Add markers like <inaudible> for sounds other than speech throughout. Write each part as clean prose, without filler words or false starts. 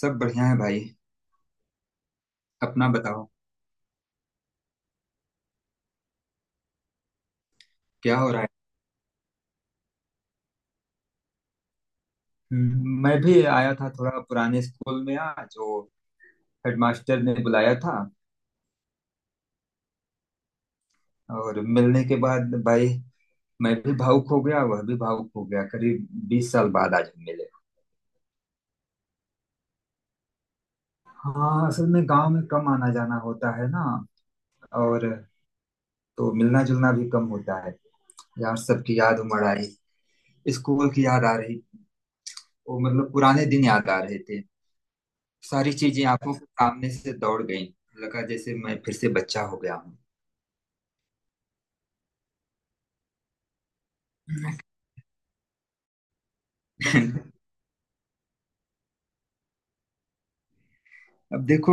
सब बढ़िया है भाई। अपना बताओ। क्या हो रहा है? मैं भी आया था थोड़ा पुराने स्कूल में आज। वो हेडमास्टर ने बुलाया था। और मिलने के बाद भाई मैं भी भावुक हो गया, वह भी भावुक हो गया। करीब 20 साल बाद आज हम मिले। हाँ असल में गांव में कम आना जाना होता है ना। और तो मिलना जुलना भी कम होता है। यार सबकी याद उमड़ आई। स्कूल की याद आ रही। वो मतलब पुराने दिन याद आ रहे थे। सारी चीजें आंखों के सामने से दौड़ गई। लगा जैसे मैं फिर से बच्चा हो गया हूँ। <laughs> अब देखो,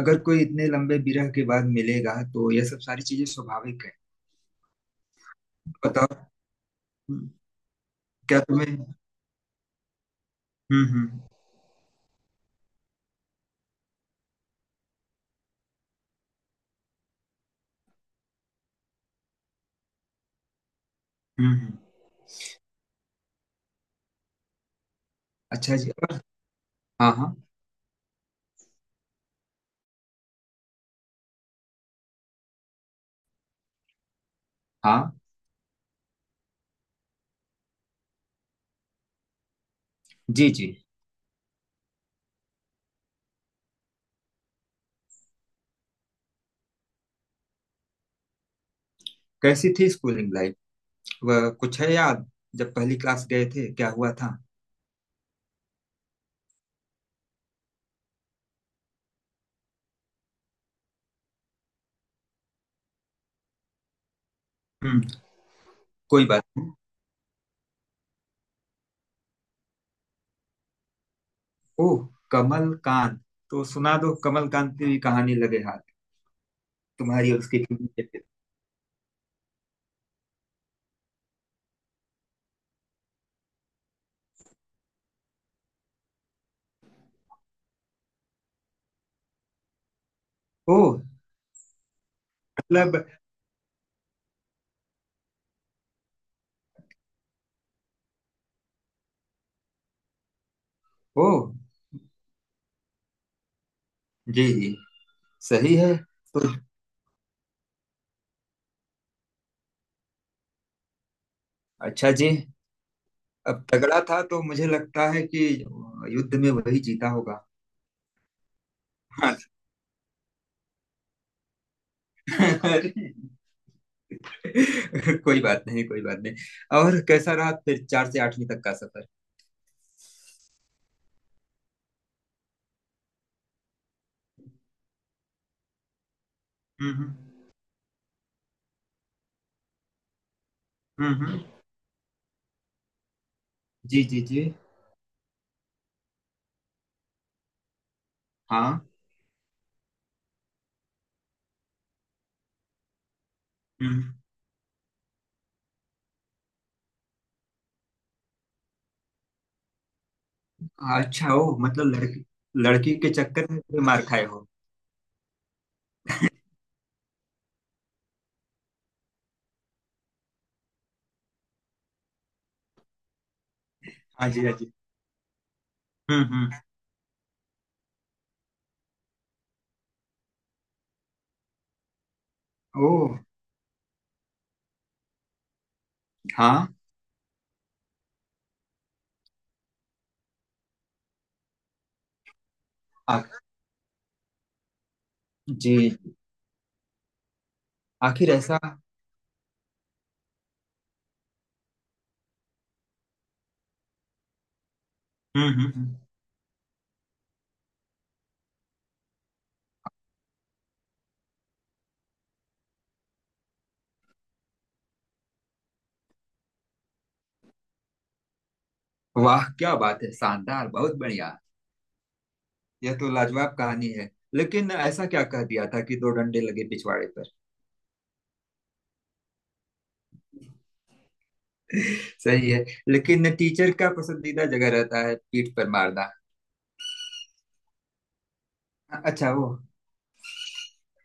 अगर कोई इतने लंबे विरह के बाद मिलेगा तो यह सब सारी चीजें स्वाभाविक है। बताओ। हम्म, क्या तुम्हें। हम्म। हम्म। हम्म। हम्म। अच्छा जी। हाँ हाँ। हाँ। जी जी। कैसी थी स्कूलिंग लाइफ? वह कुछ है याद? जब पहली क्लास गए थे क्या हुआ था? हम्म। कोई बात नहीं। ओह कमल कांत। तो सुना दो कमल कांत की भी कहानी लगे हाथ। तुम्हारी और उसकी फिल्म के फिर। ओह मतलब। ओह। जी जी। सही है। तो अच्छा जी। अब तगड़ा था तो मुझे लगता है कि युद्ध में वही जीता होगा। हाँ। <laughs> कोई बात नहीं कोई बात नहीं। और कैसा रहा फिर चार से आठवीं तक का सफर? हम्म। हम्म। जी जी जी। हाँ। हम्म। अच्छा हो मतलब लड़की, लड़की के चक्कर में भी मार खाए हो? हाँ जी हाँ जी। हम्म। ओ। हाँ। आ, जी। आखिर ऐसा। हम्म। वाह क्या बात है, शानदार, बहुत बढ़िया। यह तो लाजवाब कहानी है। लेकिन ऐसा क्या कह दिया था कि दो डंडे लगे पिछवाड़े पर? <laughs> सही है। लेकिन टीचर का पसंदीदा जगह रहता है पीठ पर मारना। अच्छा वो।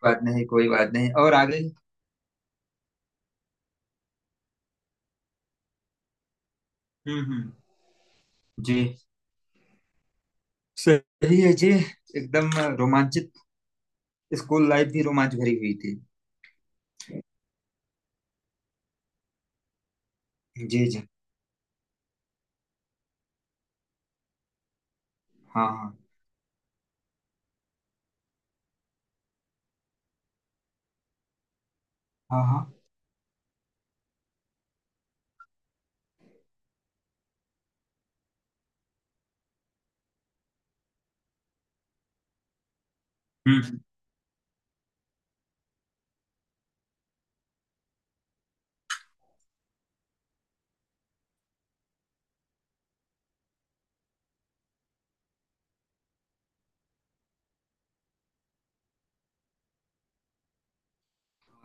बात नहीं, कोई बात नहीं। और आगे? हम्म। जी। सही है जी। एकदम रोमांचित। स्कूल लाइफ भी रोमांच भरी हुई थी। जी जी। हाँ हाँ। हाँ हाँ। हम्म।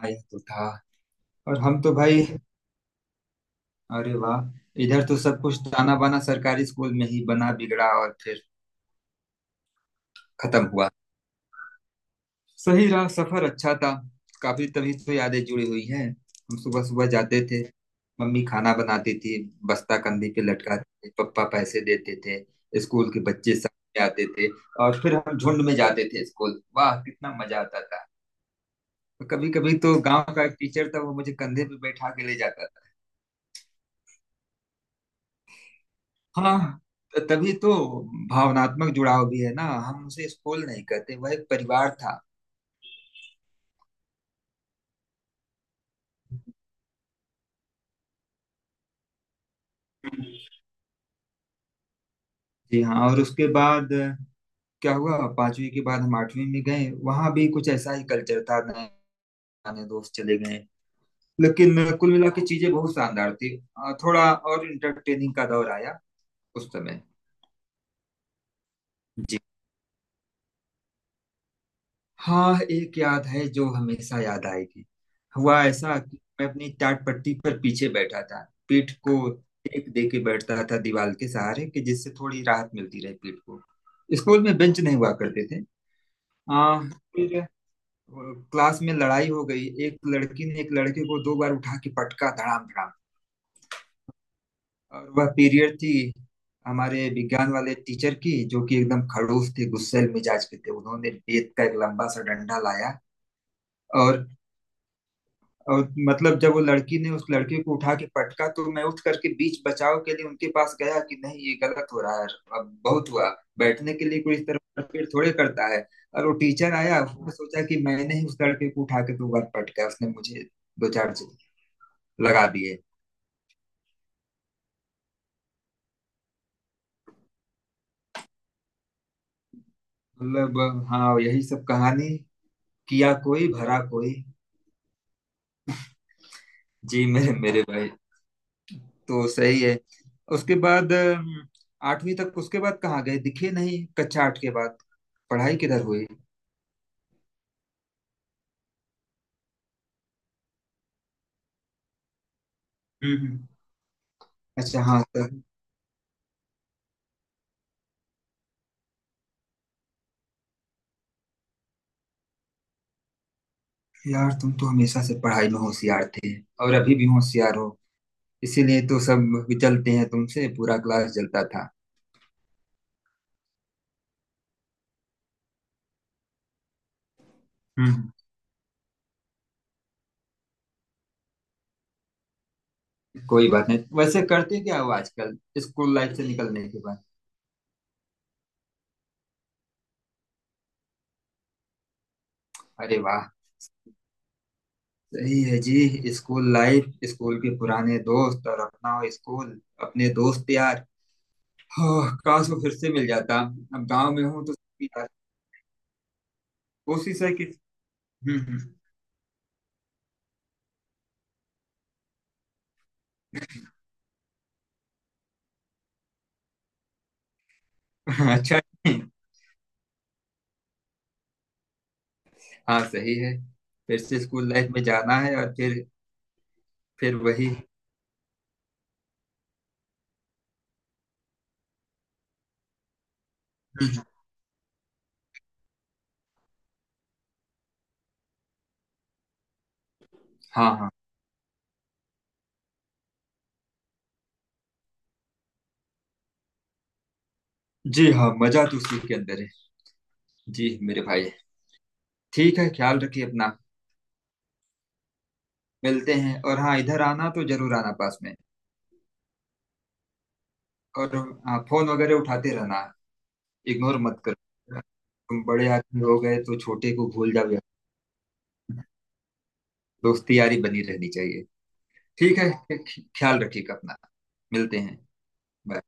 आया तो था। और हम तो भाई, अरे वाह, इधर तो सब कुछ ताना बाना सरकारी स्कूल में ही बना बिगड़ा। और फिर खत्म हुआ। सही रहा सफर, अच्छा था। काफी, तभी तो यादें जुड़ी हुई हैं। हम सुबह सुबह जाते थे। मम्मी खाना बनाती थी। बस्ता कंधे पे लटकाते थे, पप्पा पैसे देते थे। स्कूल के बच्चे साथ में आते थे। और फिर हम झुंड में जाते थे स्कूल। वाह कितना मजा आता था। कभी कभी तो गांव का एक टीचर था वो मुझे कंधे पे बैठा के ले जाता था। हाँ। तभी तो भावनात्मक जुड़ाव भी है ना। हम उसे स्कूल नहीं कहते, वह एक परिवार था। जी हाँ। और उसके बाद क्या हुआ, पांचवी के बाद हम आठवीं में गए, वहां भी कुछ ऐसा ही कल्चर था। नए पुराने दोस्त चले गए। लेकिन कुल मिला के चीजें बहुत शानदार थी। थोड़ा और इंटरटेनिंग का दौर आया उस समय। जी हाँ। एक याद है जो हमेशा याद आएगी। हुआ ऐसा कि मैं अपनी टाट पट्टी पर पीछे बैठा था। पीठ को टेक दे के बैठता था दीवार के सहारे कि जिससे थोड़ी राहत मिलती रहे पीठ को। स्कूल में बेंच नहीं हुआ करते थे। आ, वो क्लास में लड़ाई हो गई। एक लड़की ने एक लड़के को दो बार उठा के पटका, धड़ाम धड़ाम। और वह पीरियड थी हमारे विज्ञान वाले टीचर की, जो कि एकदम खड़ूस थे, गुस्सैल मिजाज के थे। उन्होंने रेत का एक लंबा सा डंडा लाया। और और मतलब जब वो लड़की ने उस लड़के को उठा के पटका तो मैं उठ करके बीच बचाव के लिए उनके पास गया कि नहीं ये गलत हो रहा है, अब बहुत हुआ। बैठने के लिए कोई इस तरह मारपीट थोड़े करता है। और वो टीचर आया, उसने सोचा कि मैंने ही उस लड़के को उठा के दो बार पटका। उसने मुझे दो चार लगा दिए। मतलब हाँ यही सब कहानी। किया कोई भरा कोई। जी मेरे मेरे भाई। तो सही है। उसके बाद आठवीं तक। उसके बाद कहाँ गए, दिखे नहीं कक्षा आठ के बाद? पढ़ाई किधर हुई? हम्म हम्म। अच्छा हाँ सर। यार तुम तो हमेशा से पढ़ाई में होशियार थे, और अभी भी होशियार हो। इसीलिए तो सब जलते हैं तुमसे, पूरा क्लास जलता था। हम्म। कोई बात नहीं। वैसे करते क्या हो आजकल स्कूल लाइफ से निकलने के बाद? अरे वाह। सही है जी। स्कूल लाइफ, स्कूल के पुराने दोस्त और अपना स्कूल, अपने दोस्त यार। हाँ, काश वो फिर से मिल जाता। अब गांव में हूँ तो यार। कोशिश है कि। हम्म। <laughs> अच्छा नहीं। हाँ सही है। फिर से स्कूल लाइफ में जाना है और फिर वही। हम्म। हम्म। हाँ हाँ। जी हाँ, मजा तो उसी के अंदर है। जी मेरे भाई। ठीक है, ख्याल रखिए अपना। मिलते हैं। और हाँ इधर आना तो जरूर आना, पास में। और हाँ, फोन वगैरह उठाते रहना, इग्नोर मत करो। तुम बड़े आदमी हो गए तो छोटे को भूल जाओ यार। दोस्ती यारी बनी रहनी चाहिए। ठीक है, ख्याल रखिएगा अपना। मिलते हैं। बाय।